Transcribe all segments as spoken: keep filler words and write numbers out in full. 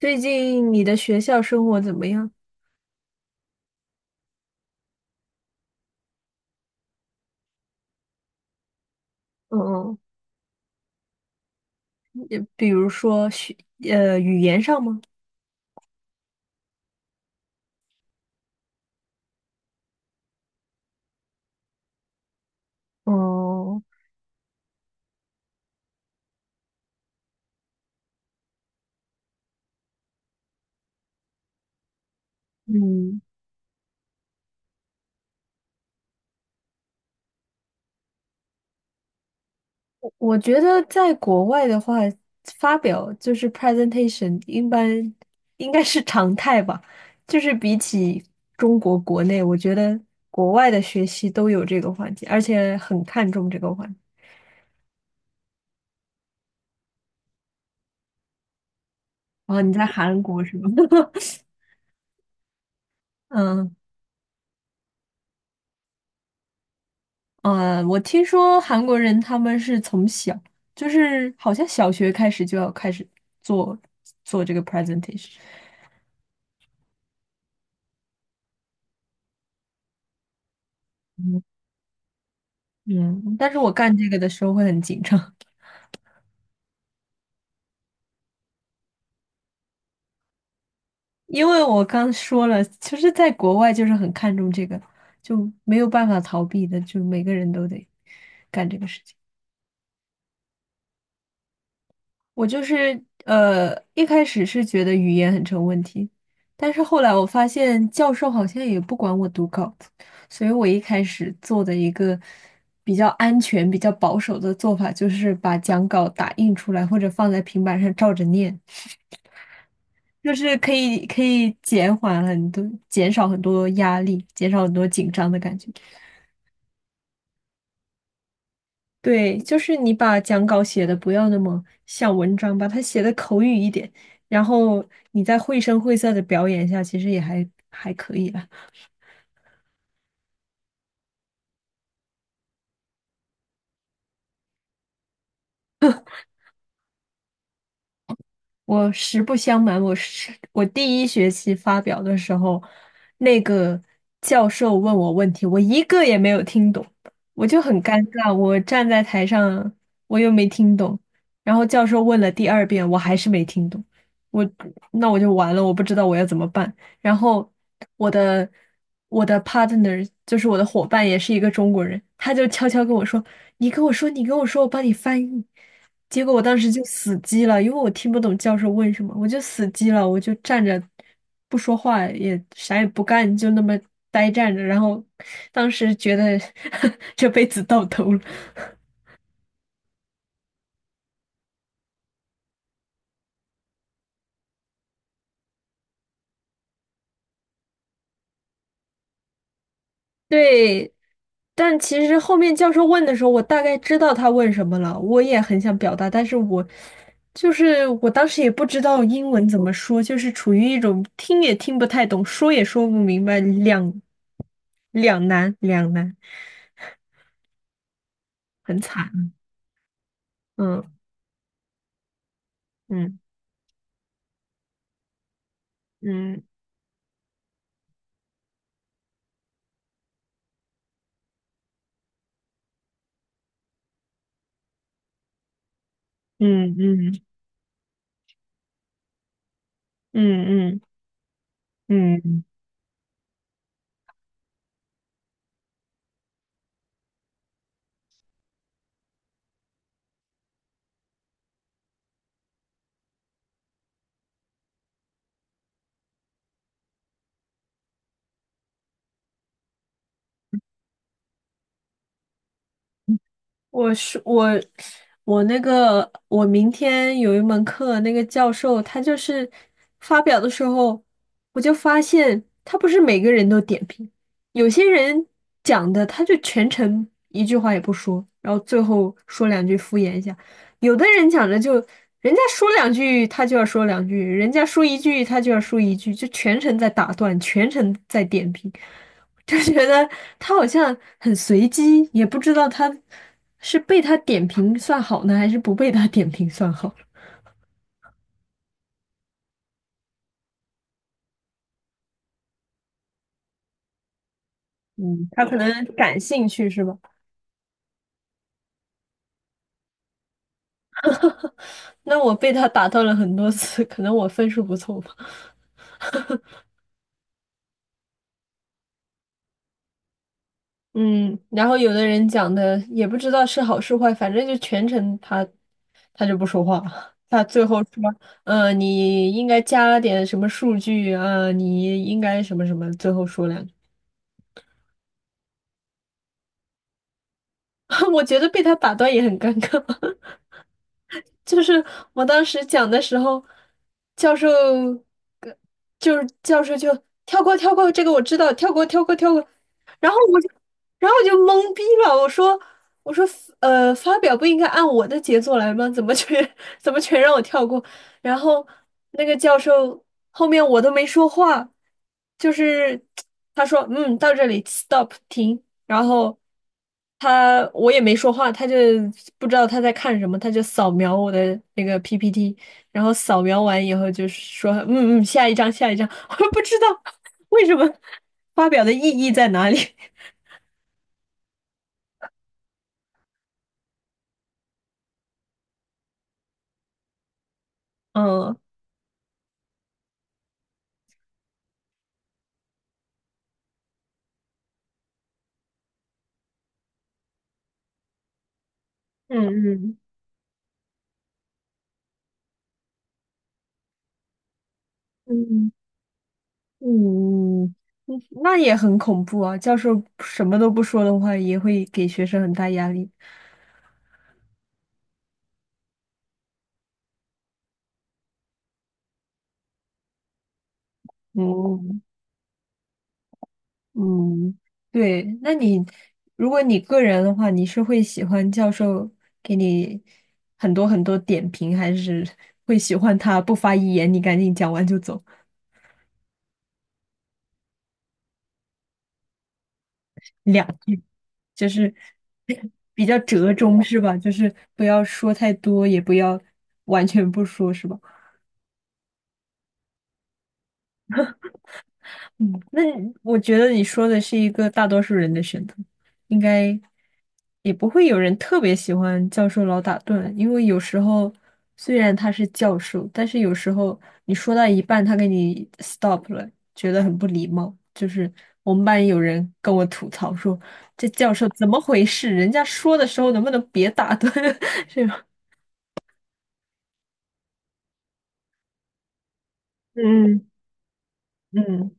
最近你的学校生活怎么样？嗯嗯也比如说学，呃，语言上吗？哦，嗯，我我觉得在国外的话，发表就是 presentation，一般应该是常态吧。就是比起中国国内，我觉得国外的学习都有这个环节，而且很看重这个环节。哦，你在韩国是吗？嗯。嗯我听说韩国人他们是从小，就是好像小学开始就要开始做做这个 presentation。嗯，嗯但是我干这个的时候会很紧张，因为我刚说了，其实，在国外就是很看重这个，就没有办法逃避的，就每个人都得干这个事情。我就是呃，一开始是觉得语言很成问题，但是后来我发现教授好像也不管我读稿子，所以我一开始做的一个比较安全、比较保守的做法，就是把讲稿打印出来或者放在平板上照着念，就是可以可以减缓很多、减少很多压力，减少很多紧张的感觉。对，就是你把讲稿写的不要那么像文章，把它写的口语一点，然后你再绘声绘色的表演一下，其实也还还可以啦。我实不相瞒，我是我第一学期发表的时候，那个教授问我问题，我一个也没有听懂，我就很尴尬。我站在台上，我又没听懂，然后教授问了第二遍，我还是没听懂，我那我就完了，我不知道我要怎么办。然后我的我的 partner 就是我的伙伴，也是一个中国人，他就悄悄跟我说：你跟我说，你跟我说，我帮你翻译。结果我当时就死机了，因为我听不懂教授问什么，我就死机了，我就站着不说话，也啥也不干，就那么呆站着。然后当时觉得 这辈子到头了。对，但其实后面教授问的时候，我大概知道他问什么了，我也很想表达，但是我就是我当时也不知道英文怎么说，就是处于一种听也听不太懂，说也说不明白，两两难两难，很惨。嗯嗯嗯嗯嗯嗯嗯嗯嗯。我是我，我那个我明天有一门课，那个教授他就是发表的时候，我就发现他不是每个人都点评，有些人讲的他就全程一句话也不说，然后最后说两句敷衍一下；有的人讲的就人家说两句他就要说两句，人家说一句他就要说一句，就全程在打断，全程在点评。就觉得他好像很随机，也不知道他是被他点评算好呢，还是不被他点评算好。嗯，他可能感兴趣是吧？那我被他打断了很多次，可能我分数不错吧。嗯，然后有的人讲的也不知道是好是坏，反正就全程他他就不说话，他最后说，呃，你应该加点什么数据啊，你应该什么什么，最后说两句。我觉得被他打断也很尴尬。就是我当时讲的时候，教授，呃就是教授就跳过跳过，这个我知道，跳过跳过跳过，然后我就，然后我就懵逼了，我说我说呃，发表不应该按我的节奏来吗？怎么全 怎么全让我跳过？然后那个教授后面我都没说话，就是 他说嗯，到这里 stop 停。然后他我也没说话，他就不知道他在看什么，他就扫描我的那个 P P T，然后扫描完以后就说嗯嗯，下一张下一张，我不知道为什么发表的意义在哪里，嗯。嗯嗯嗯，嗯那也很恐怖啊！教授什么都不说的话，也会给学生很大压力。嗯，嗯，对，那你如果你个人的话，你是会喜欢教授给你很多很多点评，还是会喜欢他不发一言，你赶紧讲完就走，两句，就是 比较折中是吧？就是不要说太多，也不要完全不说是吧？嗯，那我觉得你说的是一个大多数人的选择，应该也不会有人特别喜欢教授老打断，因为有时候虽然他是教授，但是有时候你说到一半，他给你 stop 了，觉得很不礼貌。就是我们班有人跟我吐槽说，这教授怎么回事？人家说的时候能不能别打盹？这吧？嗯嗯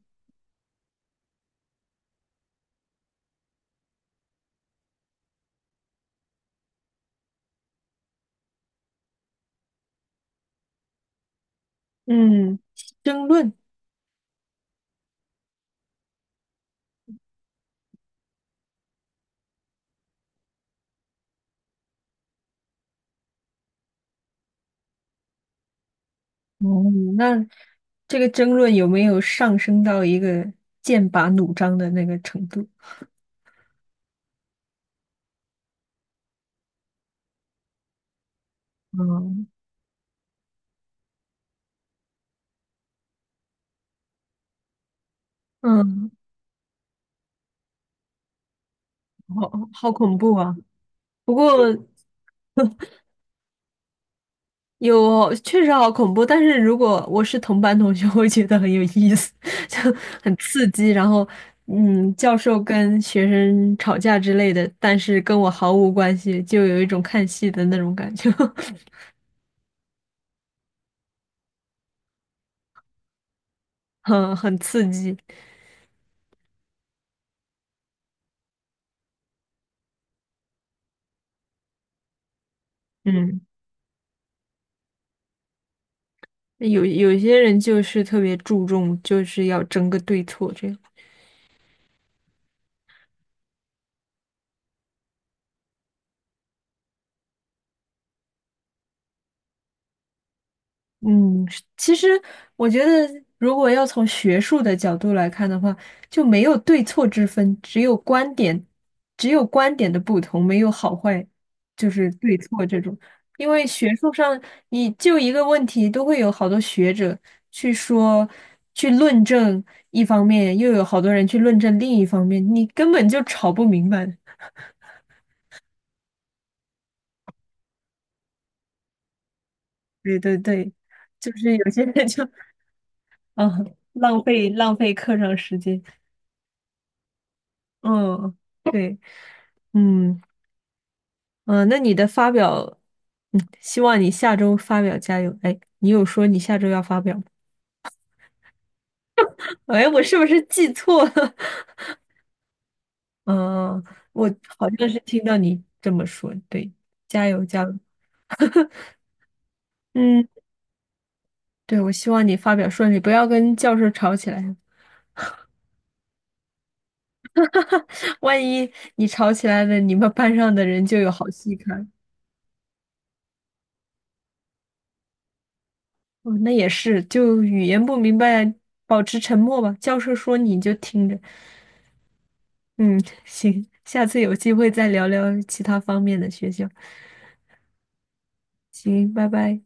嗯。争论。哦，那这个争论有没有上升到一个剑拔弩张的那个程度？嗯嗯，好好恐怖啊！不过有确实好恐怖，但是如果我是同班同学，我会觉得很有意思，就很刺激。然后，嗯，教授跟学生吵架之类的，但是跟我毫无关系，就有一种看戏的那种感觉，很很刺激。嗯。有有些人就是特别注重，就是要争个对错这样。嗯，是其实我觉得，如果要从学术的角度来看的话，就没有对错之分，只有观点，只有观点的不同，没有好坏，就是对错这种。因为学术上，你就一个问题，都会有好多学者去说、去论证一方面，又有好多人去论证另一方面，你根本就吵不明白。对对对，就是有些人就嗯浪费浪费课上时间，嗯，对，嗯嗯，呃那你的发表，嗯，希望你下周发表加油。哎，你有说你下周要发表吗？哎，我是不是记错了？嗯，我好像是听到你这么说，对，加油加油。嗯，对，我希望你发表顺利，不要跟教授吵起来，万一你吵起来了，你们班上的人就有好戏看。哦，那也是，就语言不明白，保持沉默吧。教授说你就听着。嗯，行，下次有机会再聊聊其他方面的学校。行，拜拜。